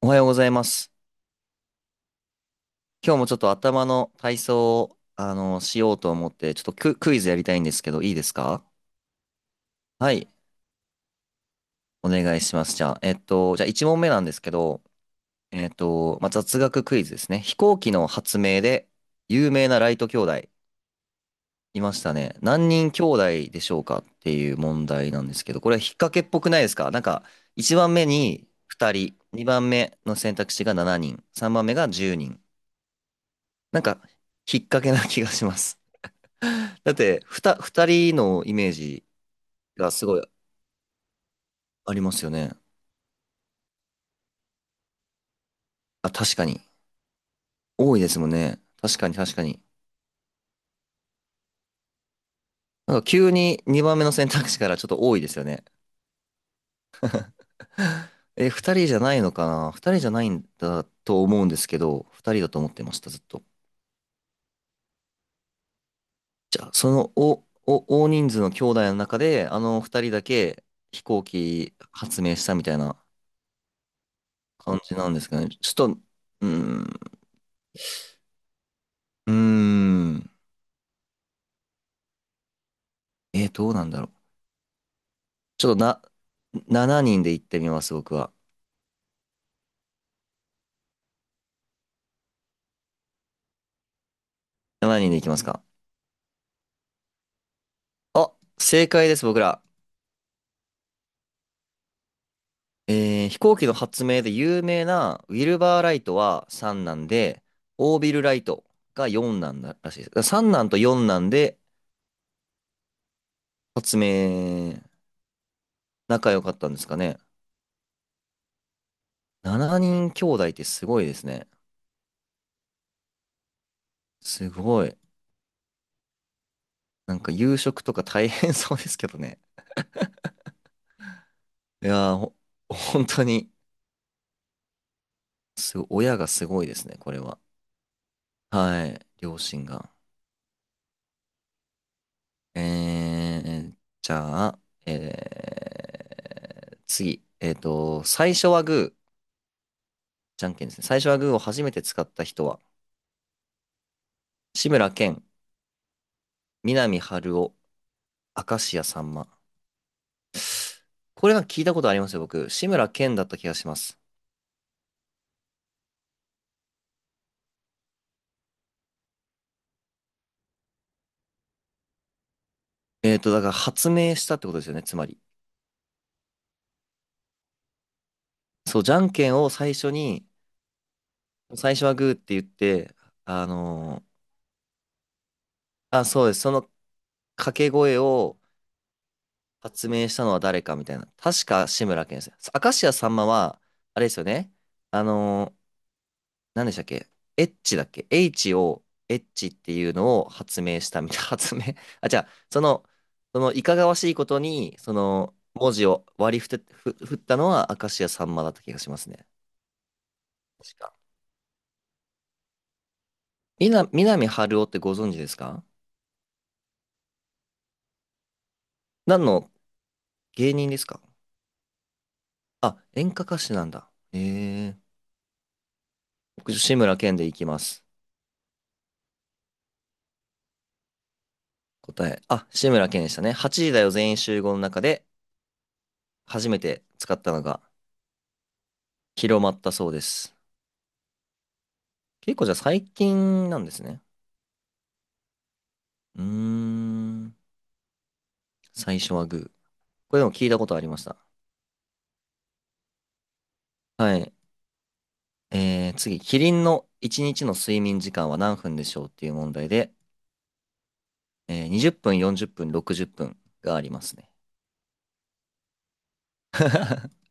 おはようございます。今日もちょっと頭の体操を、しようと思って、ちょっとクイズやりたいんですけど、いいですか？はい、お願いします。じゃあ、1問目なんですけど、まあ、雑学クイズですね。飛行機の発明で有名なライト兄弟いましたね。何人兄弟でしょうかっていう問題なんですけど、これは引っ掛けっぽくないですか？なんか、1番目に2人、2番目の選択肢が7人、3番目が10人。なんか、引っ掛けな気がします。だって、二人のイメージがすごいありますよね。あ、確かに。多いですもんね。確かに確かに。なんか急に2番目の選択肢からちょっと多いですよね。え、二人じゃないのかな？二人じゃないんだと思うんですけど、二人だと思ってました、ずっと。じゃあ、その、お、お、大人数の兄弟の中で、あの二人だけ飛行機発明したみたいな感じなんですかね。ちょっと、うーん、うーん、どうなんだろう。ちょっとな、7人で行ってみます、僕は。7人で行きますか？あ、正解です、僕ら。飛行機の発明で有名なウィルバーライトは3なんで、オービルライトが4なんだらしいです。だから3なんと4なんで、発明、仲良かったんですかね。7人兄弟ってすごいですね。すごい。なんか夕食とか大変そうですけどね。いやー、本当に、すごい、親がすごいですね、これは。はい、両親が。えー、じゃあ、え次。最初はグー、じゃんけんですね。最初はグーを初めて使った人は、志村けん、南春夫、明石家さんま。これなんか聞いたことありますよ、僕。志村けんだった気がします。だから発明したってことですよね、つまり。そう、じゃんけんを最初に、最初はグーって言って、あのあ、そうです。その掛け声を、発明したのは誰かみたいな。確か志村けんですよ。明石家さんまは、あれですよね。あのー、何でしたっけ？エッチだっけ？ H を、エッチっていうのを発明したみたいな。あ、じゃあ、その、いかがわしいことに、その、文字を割り振って、振ったのは明石家さんまだった気がしますね。確か。南春夫ってご存知ですか？何の芸人ですか？あ、演歌歌手なんだ。ええ、僕、志村けんでいきます。答え。あ、志村けんでしたね。8時だよ全員集合の中で初めて使ったのが広まったそうです。結構じゃあ最近なんですね。うーん。最初はグー。これでも聞いたことありました。はい。次。キリンの1日の睡眠時間は何分でしょうっていう問題で、20分、40分、60分がありますね。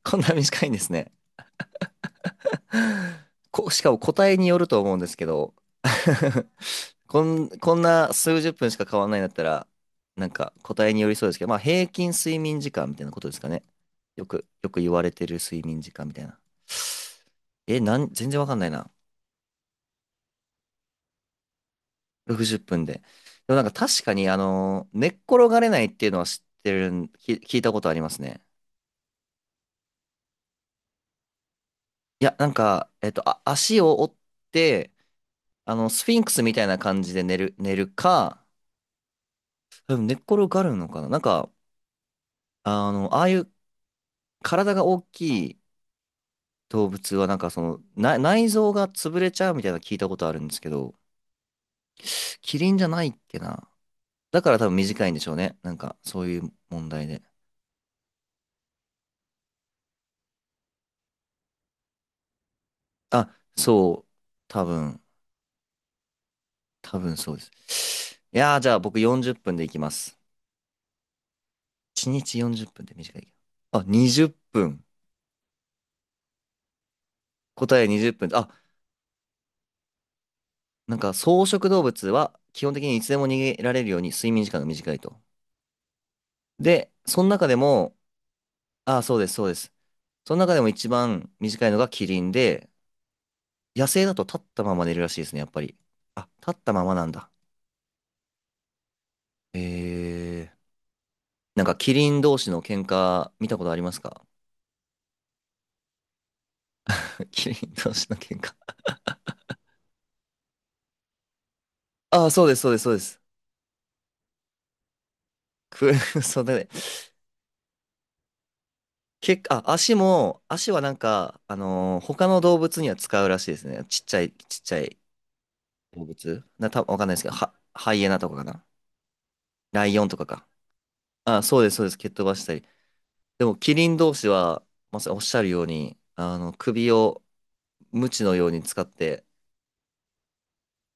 こんな短いんですね。しかも答えによると思うんですけど こんな数十分しか変わらないんだったら、なんか答えによりそうですけど、まあ平均睡眠時間みたいなことですかね。よく言われてる睡眠時間みたいな。え、全然わかんないな。60分で。でもなんか確かに、寝っ転がれないっていうのは知ってるん、き、聞いたことありますね。いや、なんか、あ、足を折って、スフィンクスみたいな感じで寝るか、うん、寝っ転がるのかな。なんか、ああいう体が大きい、動物はなんか内臓が潰れちゃうみたいなの聞いたことあるんですけど、キリンじゃないっけな。だから多分短いんでしょうね。なんかそういう問題で。あ、そう。多分、多分そうです。いやー、じゃあ僕40分でいきます。1日40分っぷんって短い。あ、20分。答え20分。あ、なんか草食動物は基本的にいつでも逃げられるように睡眠時間が短いと。で、その中でも、あ、そうです、そうです。その中でも一番短いのがキリンで、野生だと立ったまま寝るらしいですね、やっぱり。あ、立ったままなんだ。えー、なんかキリン同士の喧嘩見たことありますか？ キリン同士の喧嘩。あ、そうです、そうです、そうです。く、そうだね。結構、あ、足はなんか、他の動物には使うらしいですね。ちっちゃい、ちっちゃい動物。わかんないですけど、ハイエナとかかな。ライオンとかか。あ、そうです、そうです。蹴っ飛ばしたり。でも、キリン同士は、まさにおっしゃるように、首を、鞭のように使って、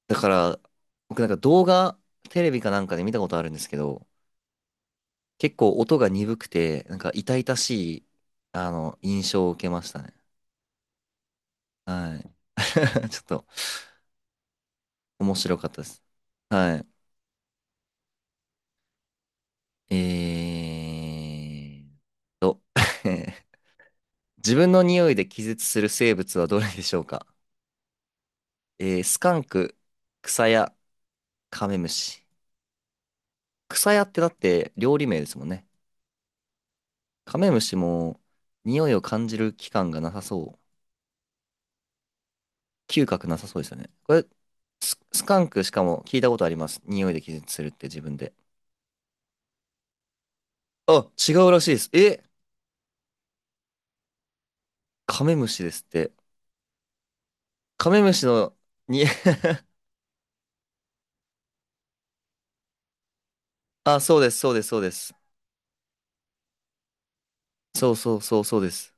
だから、僕なんか動画、テレビかなんかで見たことあるんですけど、結構音が鈍くて、なんか痛々しい、印象を受けましたね。はい。ちょっと面白かったです。はい。えーっと 自分の匂いで気絶する生物はどれでしょうか？スカンク、クサヤ、カメムシ。クサヤってだって料理名ですもんね。カメムシも匂いを感じる器官がなさそう。嗅覚なさそうですよね。これ、スカンクしかも聞いたことあります。匂いで気絶するって自分で。あ、違うらしいです。え、カメムシですって。カメムシのに、あ、そうです、そうです、そうです。そうそうそうそうです。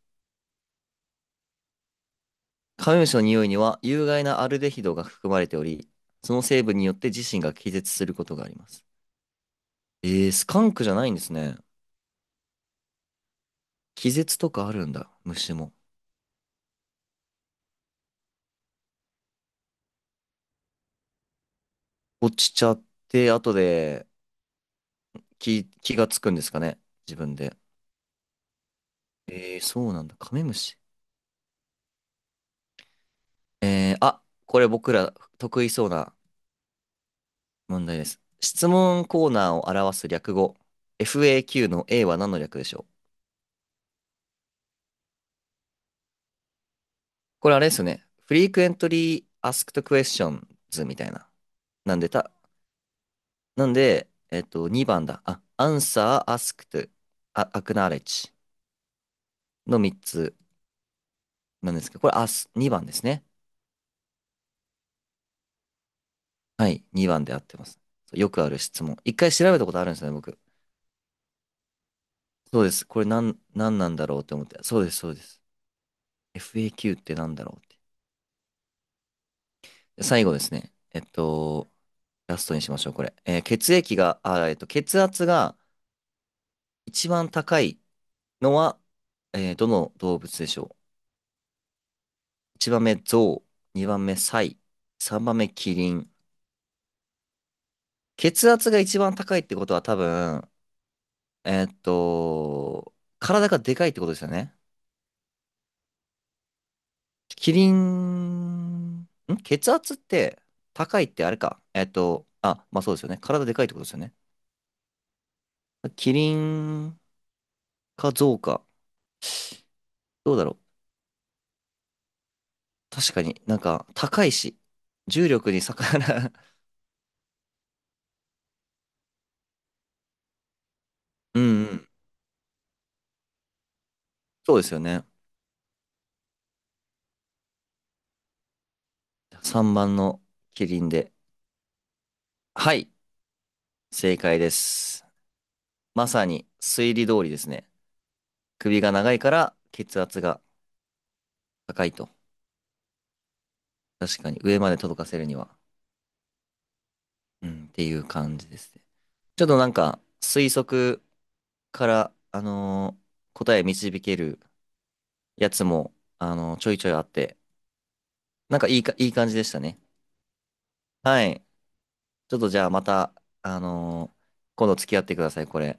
カメムシの匂いには有害なアルデヒドが含まれており、その成分によって自身が気絶することがあります。スカンクじゃないんですね。気絶とかあるんだ、虫も。落ちちゃって、後で気がつくんですかね、自分で。そうなんだ。カメムシ。あ、これ僕ら得意そうな問題です。質問コーナーを表す略語、FAQ の A は何の略でしょう？これあれですよね。Frequently Asked Questions みたいな。なんでた、なんで、2番だ。あ、Answer、 Asked、 Acknowledge の3つなんですけど、これ、2番ですね。はい、2番で合ってます。そう、よくある質問。一回調べたことあるんですよね、僕。そうです。これなんなんだろうって思って。そうです、そうです。FAQ ってなんだろうって。で最後ですね。ラストにしましょう、これ。えー血液が、あ、血圧が一番高いのは、どの動物でしょう？ 1 番目、ゾウ。2番目、サイ。3番目、キリン。血圧が一番高いってことは多分、えっと、体がでかいってことですよね。キリン、血圧って高いってあれか。あ、まあそうですよね。体でかいってことですよね。キリン、か増か。どうだろう。確かになんか高いし、重力に逆らう。うんうん。そうですよね。3番のキリンで。はい、正解です。まさに推理通りですね。首が長いから血圧が高いと。確かに上まで届かせるには。うん、っていう感じですね。ちょっとなんか推測から、答え導けるやつも、ちょいちょいあって、なんかいい感じでしたね。はい。ちょっとじゃあまた、あのー今度付き合ってください、これ。